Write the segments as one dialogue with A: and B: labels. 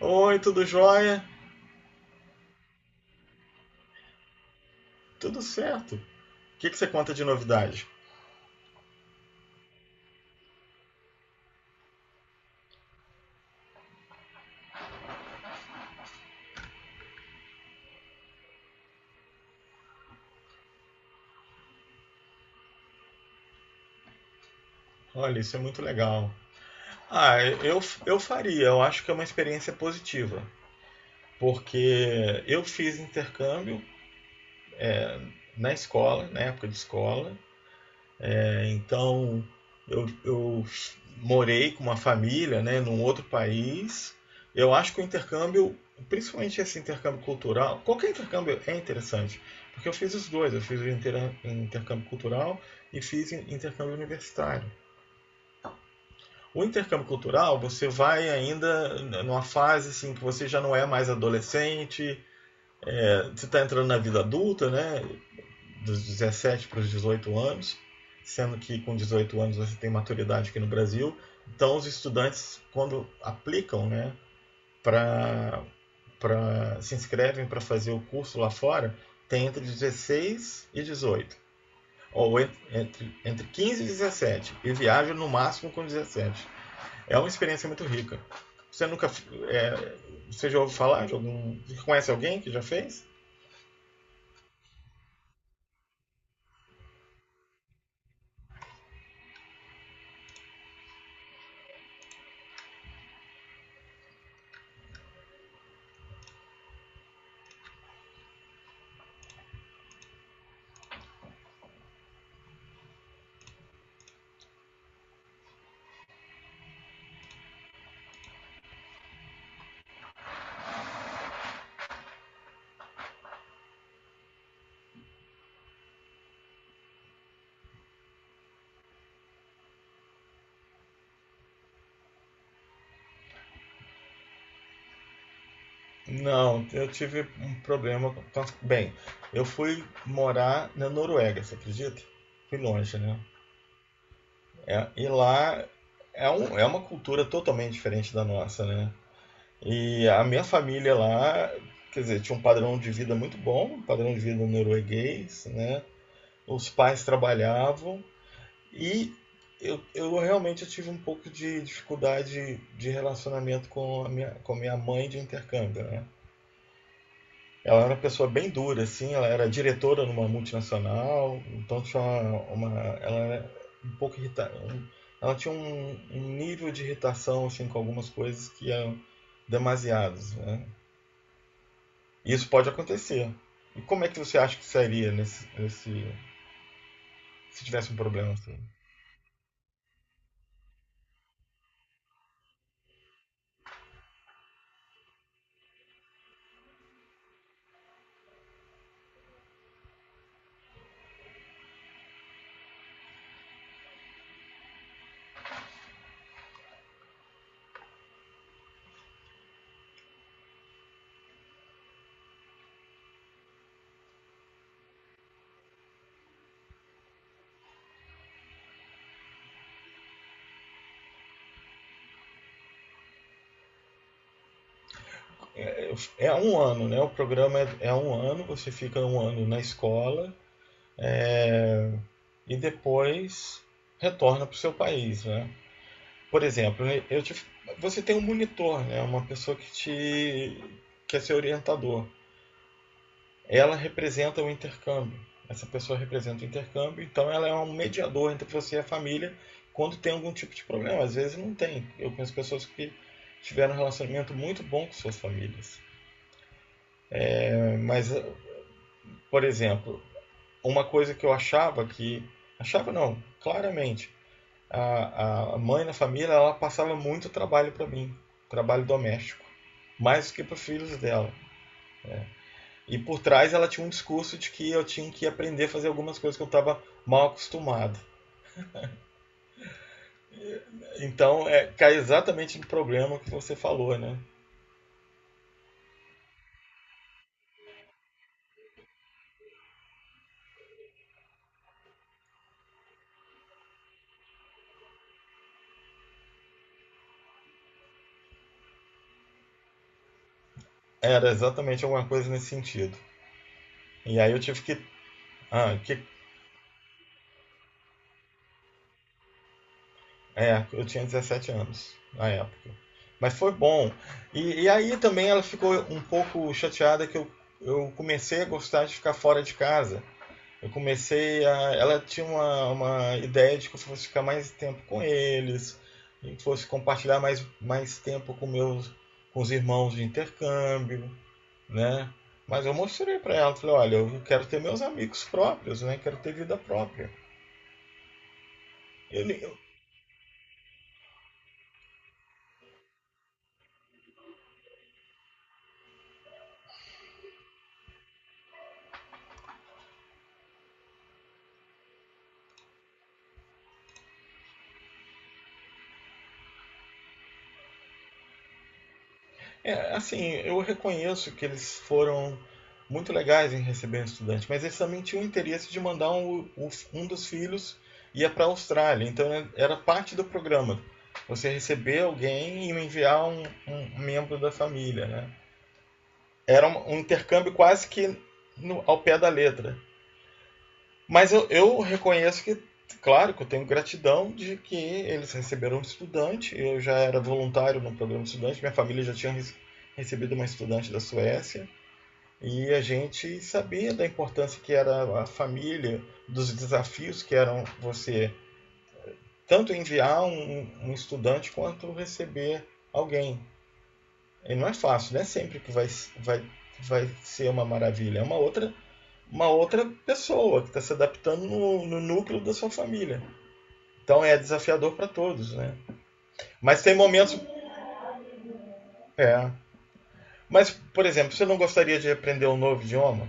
A: Oi, tudo jóia? Tudo certo. O que você conta de novidade? Olha, isso é muito legal. Ah, eu, eu faria, eu acho que é uma experiência positiva, porque eu fiz intercâmbio na escola, na época de escola. Então, eu morei com uma família, né, num outro país. Eu acho que o intercâmbio, principalmente esse intercâmbio cultural, qualquer intercâmbio é interessante, porque eu fiz os dois, eu fiz o intercâmbio cultural e fiz intercâmbio universitário. O intercâmbio cultural, você vai ainda numa fase assim que você já não é mais adolescente, você está entrando na vida adulta, né? Dos 17 para os 18 anos, sendo que com 18 anos você tem maturidade aqui no Brasil. Então, os estudantes, quando aplicam, né, pra, se inscrevem para fazer o curso lá fora, tem entre 16 e 18. Ou entre 15 e 17. E viajam no máximo com 17. É uma experiência muito rica. Você nunca. É, você já ouviu falar de algum. Conhece alguém que já fez? Não, eu tive um problema. Com Bem, eu fui morar na Noruega, você acredita? Fui longe, né? É, e lá é, é uma cultura totalmente diferente da nossa, né? E a minha família lá, quer dizer, tinha um padrão de vida muito bom, um padrão de vida norueguês, né? Os pais trabalhavam e eu realmente tive um pouco de dificuldade de relacionamento com a minha mãe de intercâmbio, né? Ela era uma pessoa bem dura, assim, ela era diretora numa multinacional, então tinha uma, ela era um pouco irritada. Ela tinha um nível de irritação assim, com algumas coisas que eram demasiados, né? E isso pode acontecer. E como é que você acha que seria se tivesse um problema assim? É um ano, né? O programa é um ano, você fica um ano na escola e depois retorna para o seu país, né? Por exemplo, né, você tem um monitor, né? Uma pessoa que é seu orientador. Ela representa o intercâmbio. Essa pessoa representa o intercâmbio, então ela é um mediador entre você e a família quando tem algum tipo de problema. Às vezes não tem. Eu conheço pessoas que tiveram um relacionamento muito bom com suas famílias. É, mas, por exemplo, uma coisa que eu achava que. Achava não, claramente. A mãe na família ela passava muito trabalho para mim, trabalho doméstico, mais do que para os filhos dela. E por trás ela tinha um discurso de que eu tinha que aprender a fazer algumas coisas que eu estava mal acostumado. Então é, cai exatamente no problema que você falou, né? Era exatamente alguma coisa nesse sentido. E aí eu tive que, ah, que eu tinha 17 anos na época. Mas foi bom. E aí também ela ficou um pouco chateada que eu comecei a gostar de ficar fora de casa. Eu comecei a. Ela tinha uma ideia de que eu fosse ficar mais tempo com eles, e fosse compartilhar mais, mais tempo com meus com os irmãos de intercâmbio, né? Mas eu mostrei para ela, falei, olha, eu quero ter meus amigos próprios, né? Quero ter vida própria. Ele, É, assim, eu reconheço que eles foram muito legais em receber um estudante, mas eles também tinham o interesse de mandar um dos filhos ia para a Austrália, então né, era parte do programa. Você receber alguém e enviar um membro da família, né? Era um intercâmbio quase que no, ao pé da letra. Mas eu reconheço que, claro, que eu tenho gratidão de que eles receberam um estudante. Eu já era voluntário no programa de estudante, minha família já tinha recebido uma estudante da Suécia. E a gente sabia da importância que era a família, dos desafios que eram você tanto enviar um estudante quanto receber alguém. E não é fácil, não é sempre que vai, vai ser uma maravilha. É uma uma outra pessoa que está se adaptando no núcleo da sua família. Então é desafiador para todos, né? Mas tem momentos. É. Mas, por exemplo, você não gostaria de aprender um novo idioma?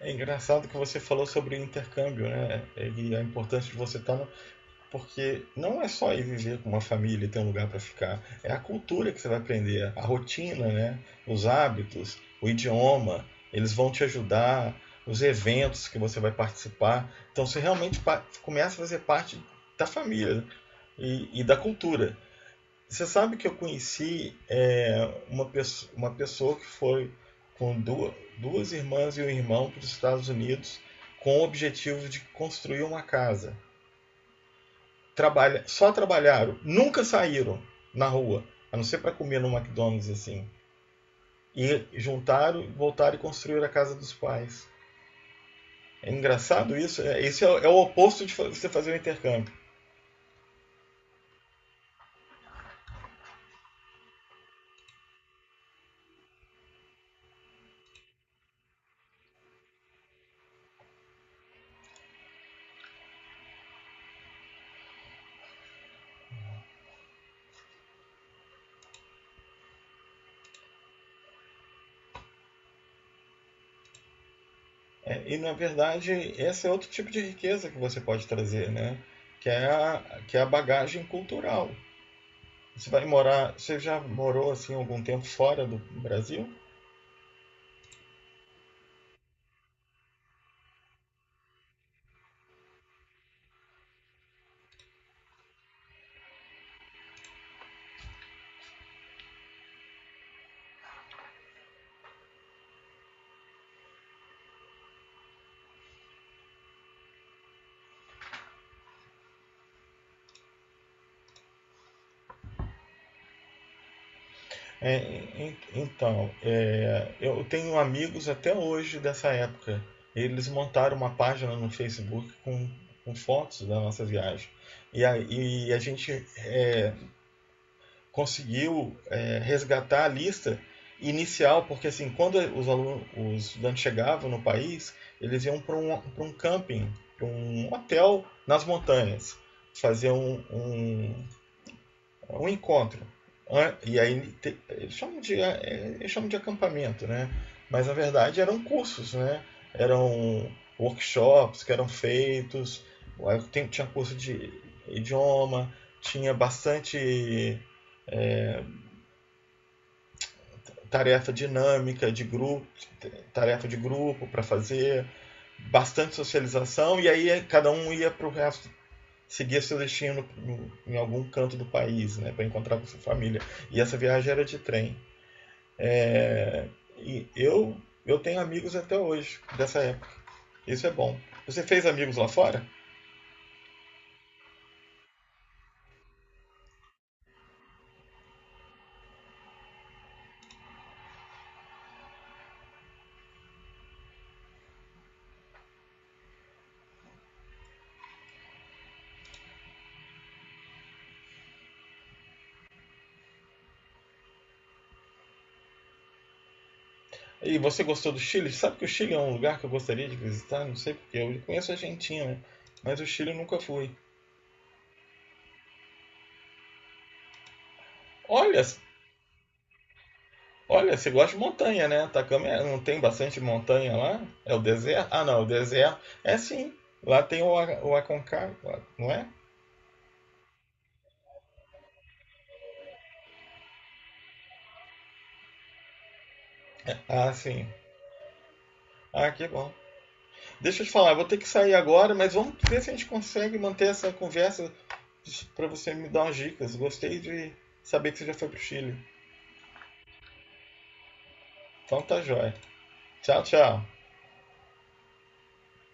A: É engraçado que você falou sobre o intercâmbio, né? E a importância de você estar. No... Porque não é só ir viver com uma família e ter um lugar para ficar. É a cultura que você vai aprender, a rotina, né? Os hábitos, o idioma. Eles vão te ajudar, os eventos que você vai participar. Então você realmente começa a fazer parte da família, né? E da cultura. Você sabe que eu conheci é, uma pessoa que foi com duas irmãs e um irmão para os Estados Unidos com o objetivo de construir uma casa. Só trabalharam, nunca saíram na rua, a não ser para comer no McDonald's assim. E juntaram, voltaram e construíram a casa dos pais. É engraçado isso. É o oposto de você fazer um intercâmbio. É, e na verdade, esse é outro tipo de riqueza que você pode trazer, né? Que é que é a bagagem cultural. Você já morou assim algum tempo fora do Brasil? É, então, é, eu tenho amigos até hoje dessa época. Eles montaram uma página no Facebook com fotos da nossa viagem. E a gente conseguiu é, resgatar a lista inicial, porque assim, quando alunos, os estudantes chegavam no país, eles iam para para um camping, para um hotel nas montanhas, fazer um encontro. E aí eles chamam de acampamento, né? Mas na verdade eram cursos, né? Eram workshops que eram feitos, tinha curso de idioma, tinha bastante tarefa dinâmica de grupo, tarefa de grupo para fazer, bastante socialização e aí cada um ia para o resto seguia seu destino em algum canto do país, né, para encontrar com sua família. E essa viagem era de trem. É, e eu tenho amigos até hoje dessa época. Isso é bom. Você fez amigos lá fora? E você gostou do Chile? Sabe que o Chile é um lugar que eu gostaria de visitar? Não sei porque eu conheço a Argentina, né? Mas o Chile eu nunca fui. Olha, Olha, você gosta de montanha, né? Atacama não tem bastante montanha lá? É o deserto? Ah, não, o deserto. É sim. Lá tem o Aconcagua, não é? Ah, sim. Ah, que bom. Deixa eu te falar, eu vou ter que sair agora, mas vamos ver se a gente consegue manter essa conversa para você me dar umas dicas. Gostei de saber que você já foi pro Chile. Então tá joia. Tchau, tchau.